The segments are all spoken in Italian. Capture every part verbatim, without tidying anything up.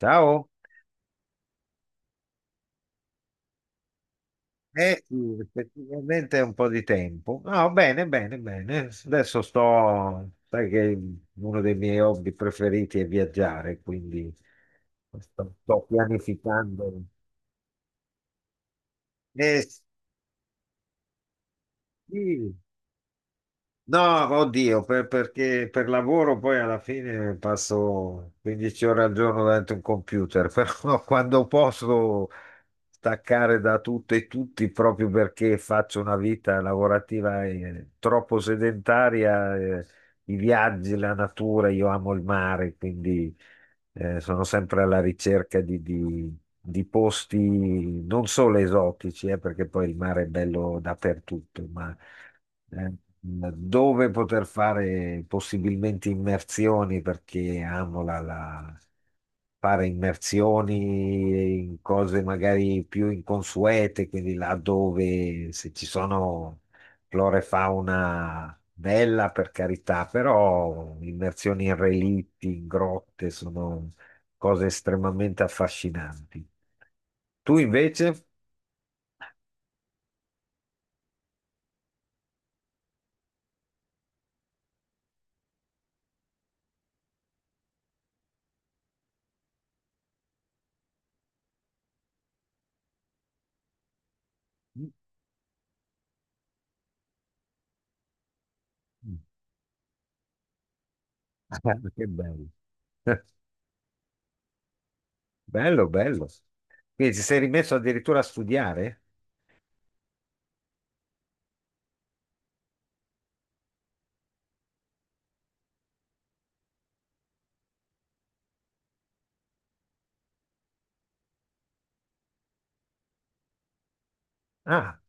Ciao, eh, sì, effettivamente è un po' di tempo. No, bene, bene, bene. Adesso sto, sai che uno dei miei hobby preferiti è viaggiare, quindi sto, sto pianificando. Eh, sì, No, oddio, per- perché per lavoro poi alla fine passo quindici ore al giorno davanti a un computer, però quando posso staccare da tutto e tutti proprio perché faccio una vita lavorativa eh, troppo sedentaria. eh, I viaggi, la natura, io amo il mare, quindi eh, sono sempre alla ricerca di, di- di posti non solo esotici, eh, perché poi il mare è bello dappertutto, ma eh, dove poter fare possibilmente immersioni, perché amo la, la- fare immersioni in cose magari più inconsuete, quindi là dove se ci sono flora e fauna bella per carità, però immersioni in relitti, in grotte sono cose estremamente affascinanti. Tu invece? Ah, che bello. Bello, bello. Quindi ti sei rimesso addirittura a studiare? Ah,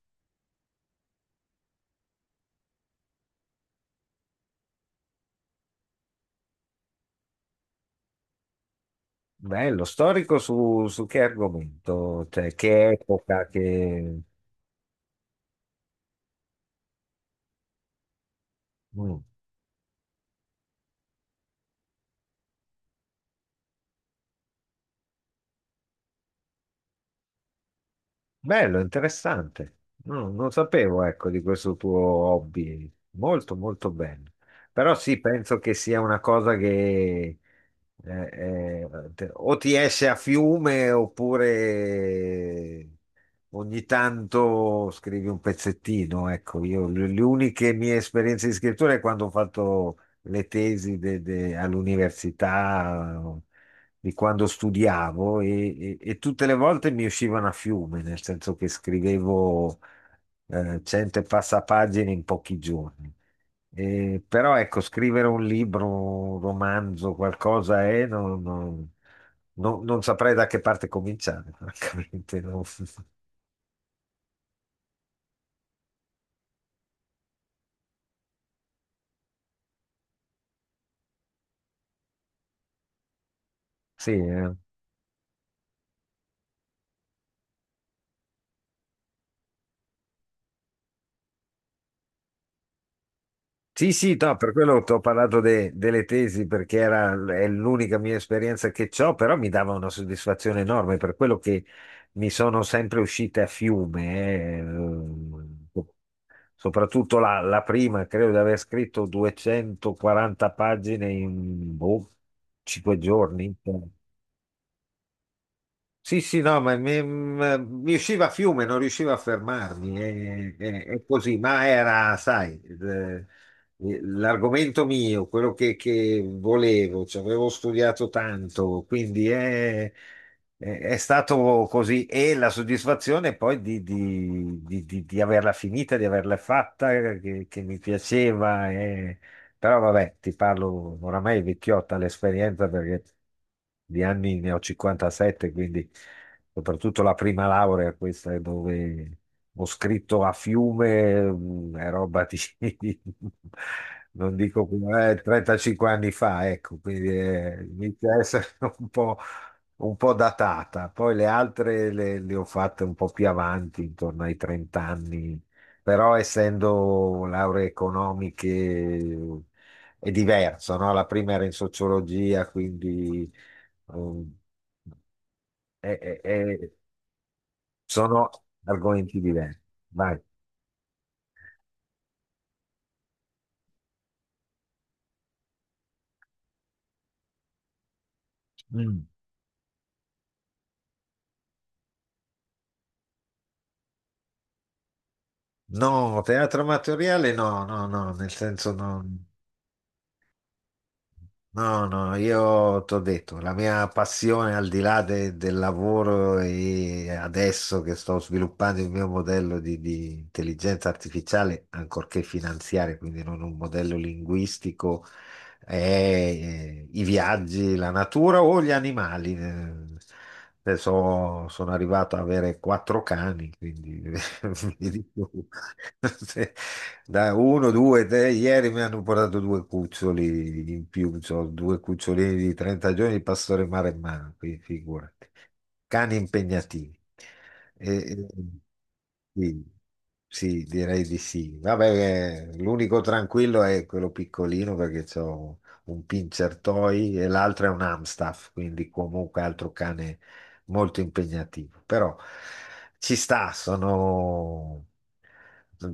bello. Storico su, su che argomento? Cioè, che epoca, che... Mm. Bello, interessante. No, non sapevo, ecco, di questo tuo hobby. Molto, molto bello. Però sì, penso che sia una cosa che eh, eh, te- o ti esce a fiume oppure ogni tanto scrivi un pezzettino. Ecco, io le, le uniche mie esperienze di scrittura è quando ho fatto le tesi de- de- all'università di quando studiavo e, e- e tutte le volte mi uscivano a fiume, nel senso che scrivevo eh, cento e passa pagine in pochi giorni. Eh, però ecco, scrivere un libro, un romanzo, qualcosa è, non, non- non- non saprei da che parte cominciare, francamente. No. Sì, eh. Sì, sì, no, per quello ti ho parlato de- delle tesi perché era, è l'unica mia esperienza che ho, però mi dava una soddisfazione enorme per quello che mi sono sempre uscite a fiume, eh, ehm, soprattutto la, la prima, credo di aver scritto duecentoquaranta pagine in boh, cinque giorni. Sì, sì, no, ma mi, m- mi usciva a fiume, non riuscivo a fermarmi, è, è- è così, ma era, sai, eh, l'argomento mio, quello che, che volevo, ci avevo studiato tanto, quindi è, è- è stato così e la soddisfazione poi di, di- di- di- di averla finita, di averla fatta, che, che mi piaceva. Però vabbè, ti parlo oramai è vecchiotta l'esperienza perché di anni ne ho cinquantasette, quindi soprattutto la prima laurea, questa è dove ho scritto a fiume. Mm, è roba di, non dico eh, trentacinque anni fa, ecco, quindi eh, inizia a essere un po', un po' datata. Poi le altre le, le ho fatte un po' più avanti, intorno ai trenta anni, però essendo lauree economiche eh, è diverso, no? La prima era in sociologia, quindi um, è- è- è- sono argomenti diversi. Vai. Mm. No, teatro amatoriale no, no, no, nel senso no. No, no, io ti ho detto, la mia passione al di là de- del lavoro e adesso che sto sviluppando il mio modello di, di intelligenza artificiale, ancorché finanziaria, quindi non un modello linguistico, è eh, i viaggi, la natura o gli animali. Eh, Adesso sono arrivato ad avere quattro cani, quindi vedi tu. Da uno, due, tre, ieri mi hanno portato due cuccioli in più, c'ho due cucciolini di trenta giorni di pastore maremmano, quindi figurati. Cani impegnativi. E- e- sì, sì, direi di sì. Vabbè, eh, l'unico tranquillo è quello piccolino perché c'ho un pincher toy e l'altro è un Amstaff, quindi comunque altro cane molto impegnativo, però ci sta, sono... mm,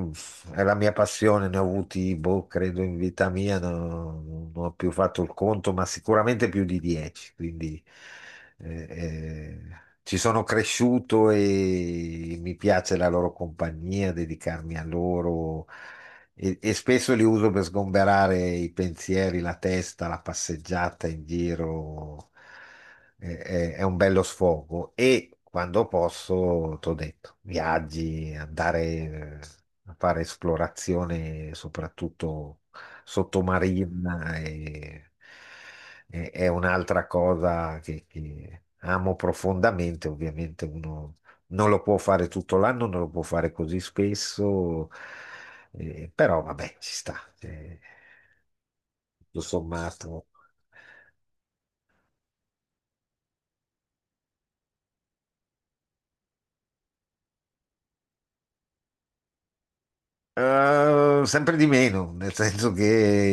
mm, è la mia passione, ne ho avuti, boh, credo in vita mia, non, non ho più fatto il conto, ma sicuramente più di dieci, quindi eh, eh, ci sono cresciuto e mi piace la loro compagnia, dedicarmi a loro. E, e spesso li uso per sgomberare i pensieri, la testa, la passeggiata in giro. Eh, eh, È un bello sfogo. E quando posso, t'ho detto, viaggi, andare eh, a fare esplorazione, soprattutto sottomarina, e- e- è un'altra cosa che, che amo profondamente. Ovviamente uno non lo può fare tutto l'anno, non lo può fare così spesso, eh, però vabbè, ci sta, eh, tutto sommato. Eh, sempre di meno, nel senso che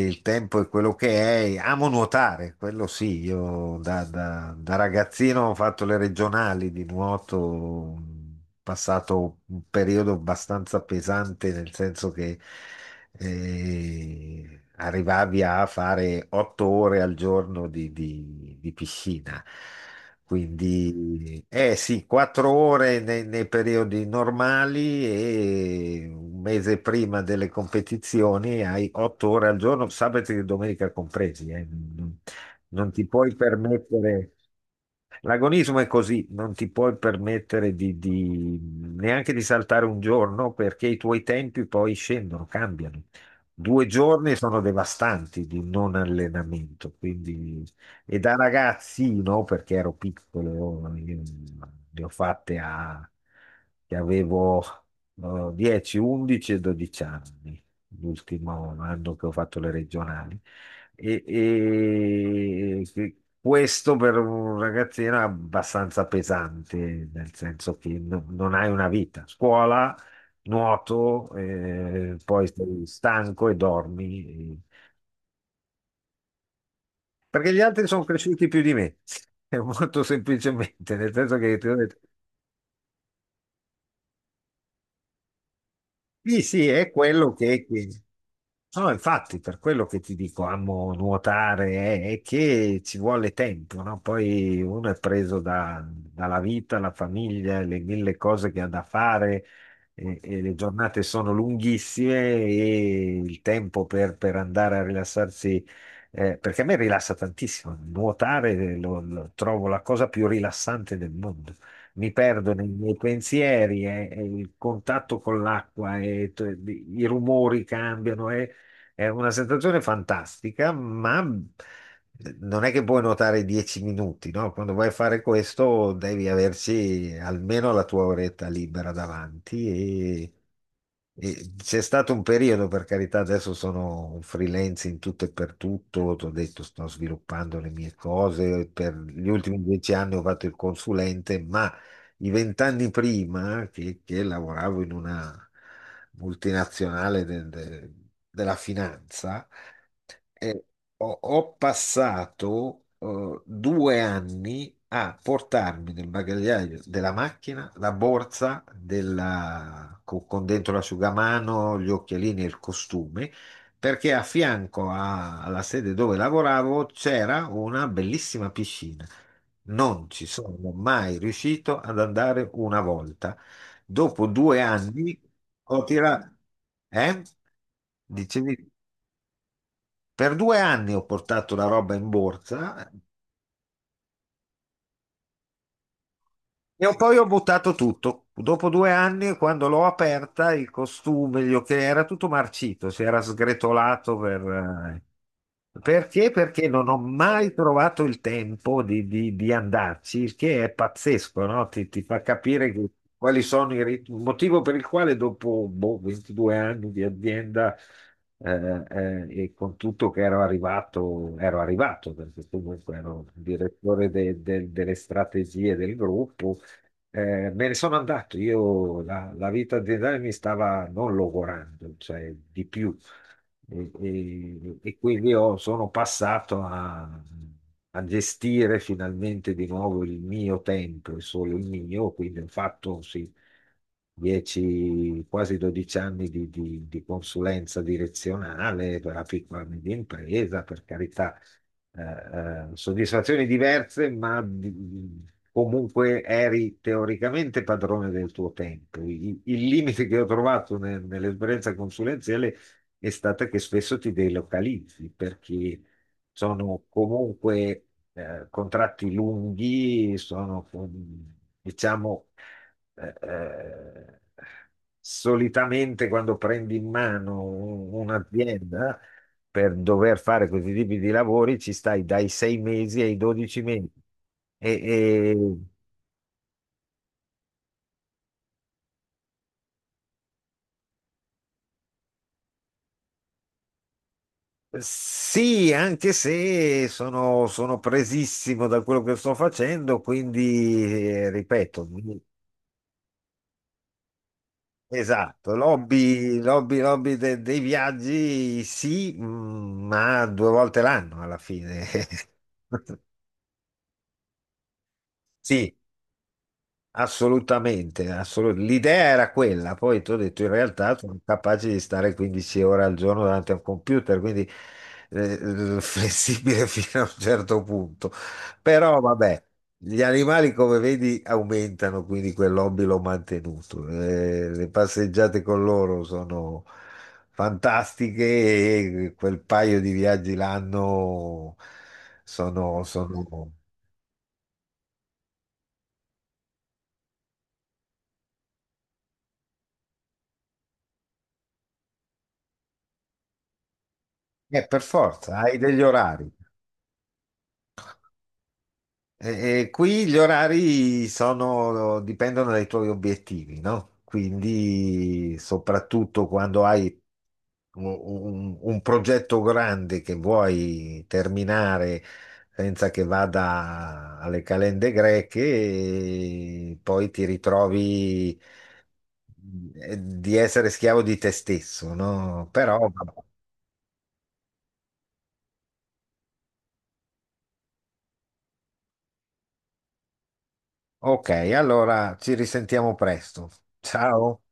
il tempo è quello che è. Amo nuotare, quello sì. Io da, da- da ragazzino ho fatto le regionali di nuoto, ho passato un periodo abbastanza pesante, nel senso che eh, arrivavi a fare otto ore al giorno di, di- di piscina. Quindi, eh sì, quattro ore nei, nei periodi normali e un mese prima delle competizioni hai otto ore al giorno, sabato e domenica compresi. Eh. Non non ti puoi permettere. L'agonismo è così, non ti puoi permettere di, di- neanche di saltare un giorno perché i tuoi tempi poi scendono, cambiano. Due giorni sono devastanti di non allenamento, quindi... E da ragazzino, perché ero piccolo, io ne ho fatte a... che avevo eh, dieci, undici e dodici anni, l'ultimo anno che ho fatto le regionali. E, e- e questo per un ragazzino è abbastanza pesante, nel senso che no- non hai una vita. Scuola, nuoto, eh, poi sei stanco e dormi. Perché gli altri sono cresciuti più di me, molto semplicemente, nel senso che ti ho detto, sì, sì, è quello che... che- No, no, infatti, per quello che ti dico, amo nuotare, è, è che ci vuole tempo, no? Poi uno è preso da- dalla vita, la famiglia, le mille cose che ha da fare, e, e le giornate sono lunghissime e il tempo per, per andare a rilassarsi, eh, perché a me rilassa tantissimo, nuotare lo, lo trovo la cosa più rilassante del mondo. Mi perdo nei miei pensieri, eh, e il contatto con l'acqua, e t- i rumori cambiano. Eh, è una sensazione fantastica, ma mhmm, non è che puoi nuotare dieci minuti, no? Quando vai a fare questo devi averci almeno la tua oretta libera davanti e, e c'è stato un periodo, per carità, adesso sono un freelance in tutto e per tutto, ti ho detto sto sviluppando le mie cose, per gli ultimi dieci anni ho fatto il consulente, ma i vent'anni prima che, che lavoravo in una multinazionale de- de- della finanza eh, ho, ho passato eh, due anni a portarmi nel bagagliaio della macchina la borsa della- co- con, dentro l'asciugamano, gli occhialini e il costume, perché a fianco a- alla sede dove lavoravo c'era una bellissima piscina. Non ci sono mai riuscito ad andare una volta. Dopo due anni ho tirato... Eh? Dicevi? Per due anni ho portato la roba in borsa. E poi ho buttato tutto. Dopo due anni, quando l'ho aperta, il costume, gli occhiali, era tutto marcito, si era sgretolato per... eh, Perché? Perché non ho mai trovato il tempo di, di- di andarci, il che è pazzesco, no? Ti, ti fa capire che- quali sono i ritmi, il motivo per il quale dopo boh, ventidue anni di azienda eh, eh, e con tutto che ero arrivato, ero arrivato, perché comunque ero direttore de- de- delle strategie del gruppo. Eh, me ne sono andato, io la, la vita aziendale mi stava non logorando, cioè di più. E, e- e quindi io sono passato a, a gestire finalmente di nuovo il mio tempo, e solo il mio, quindi ho fatto sì, dieci, quasi dodici anni di, di- di consulenza direzionale per la piccola e media impresa, per carità, eh, eh, soddisfazioni diverse, ma di- comunque eri teoricamente padrone del tuo tempo. I- Il limite che ho trovato ne- nell'esperienza consulenziale è stato che spesso ti delocalizzi perché sono comunque eh, contratti lunghi, sono diciamo eh, eh, solitamente quando prendi in mano un- un'azienda per dover fare questi tipi di lavori ci stai dai sei mesi ai dodici mesi. E, e- sì, anche se sono, sono presissimo da quello che sto facendo, quindi eh, ripeto, mi- esatto, l'hobby, l'hobby, l'hobby de- dei viaggi sì, mm, ma due volte l'anno alla fine. Sì, assolutamente, assolut- l'idea era quella, poi ti ho detto in realtà sono capace di stare quindici ore al giorno davanti a un computer, quindi eh, eh, flessibile fino a un certo punto. Però vabbè, gli animali come vedi aumentano, quindi quell'hobby l'ho mantenuto. Eh, le passeggiate con loro sono fantastiche e quel paio di viaggi l'anno sono, sono... Eh, per forza, hai degli orari. E- e qui gli orari sono, dipendono dai tuoi obiettivi, no? Quindi, soprattutto quando hai un, un- un progetto grande che vuoi terminare senza che vada alle calende greche, e poi ti ritrovi eh, di essere schiavo di te stesso, no? Però, vabbè. Ok, allora ci risentiamo presto. Ciao.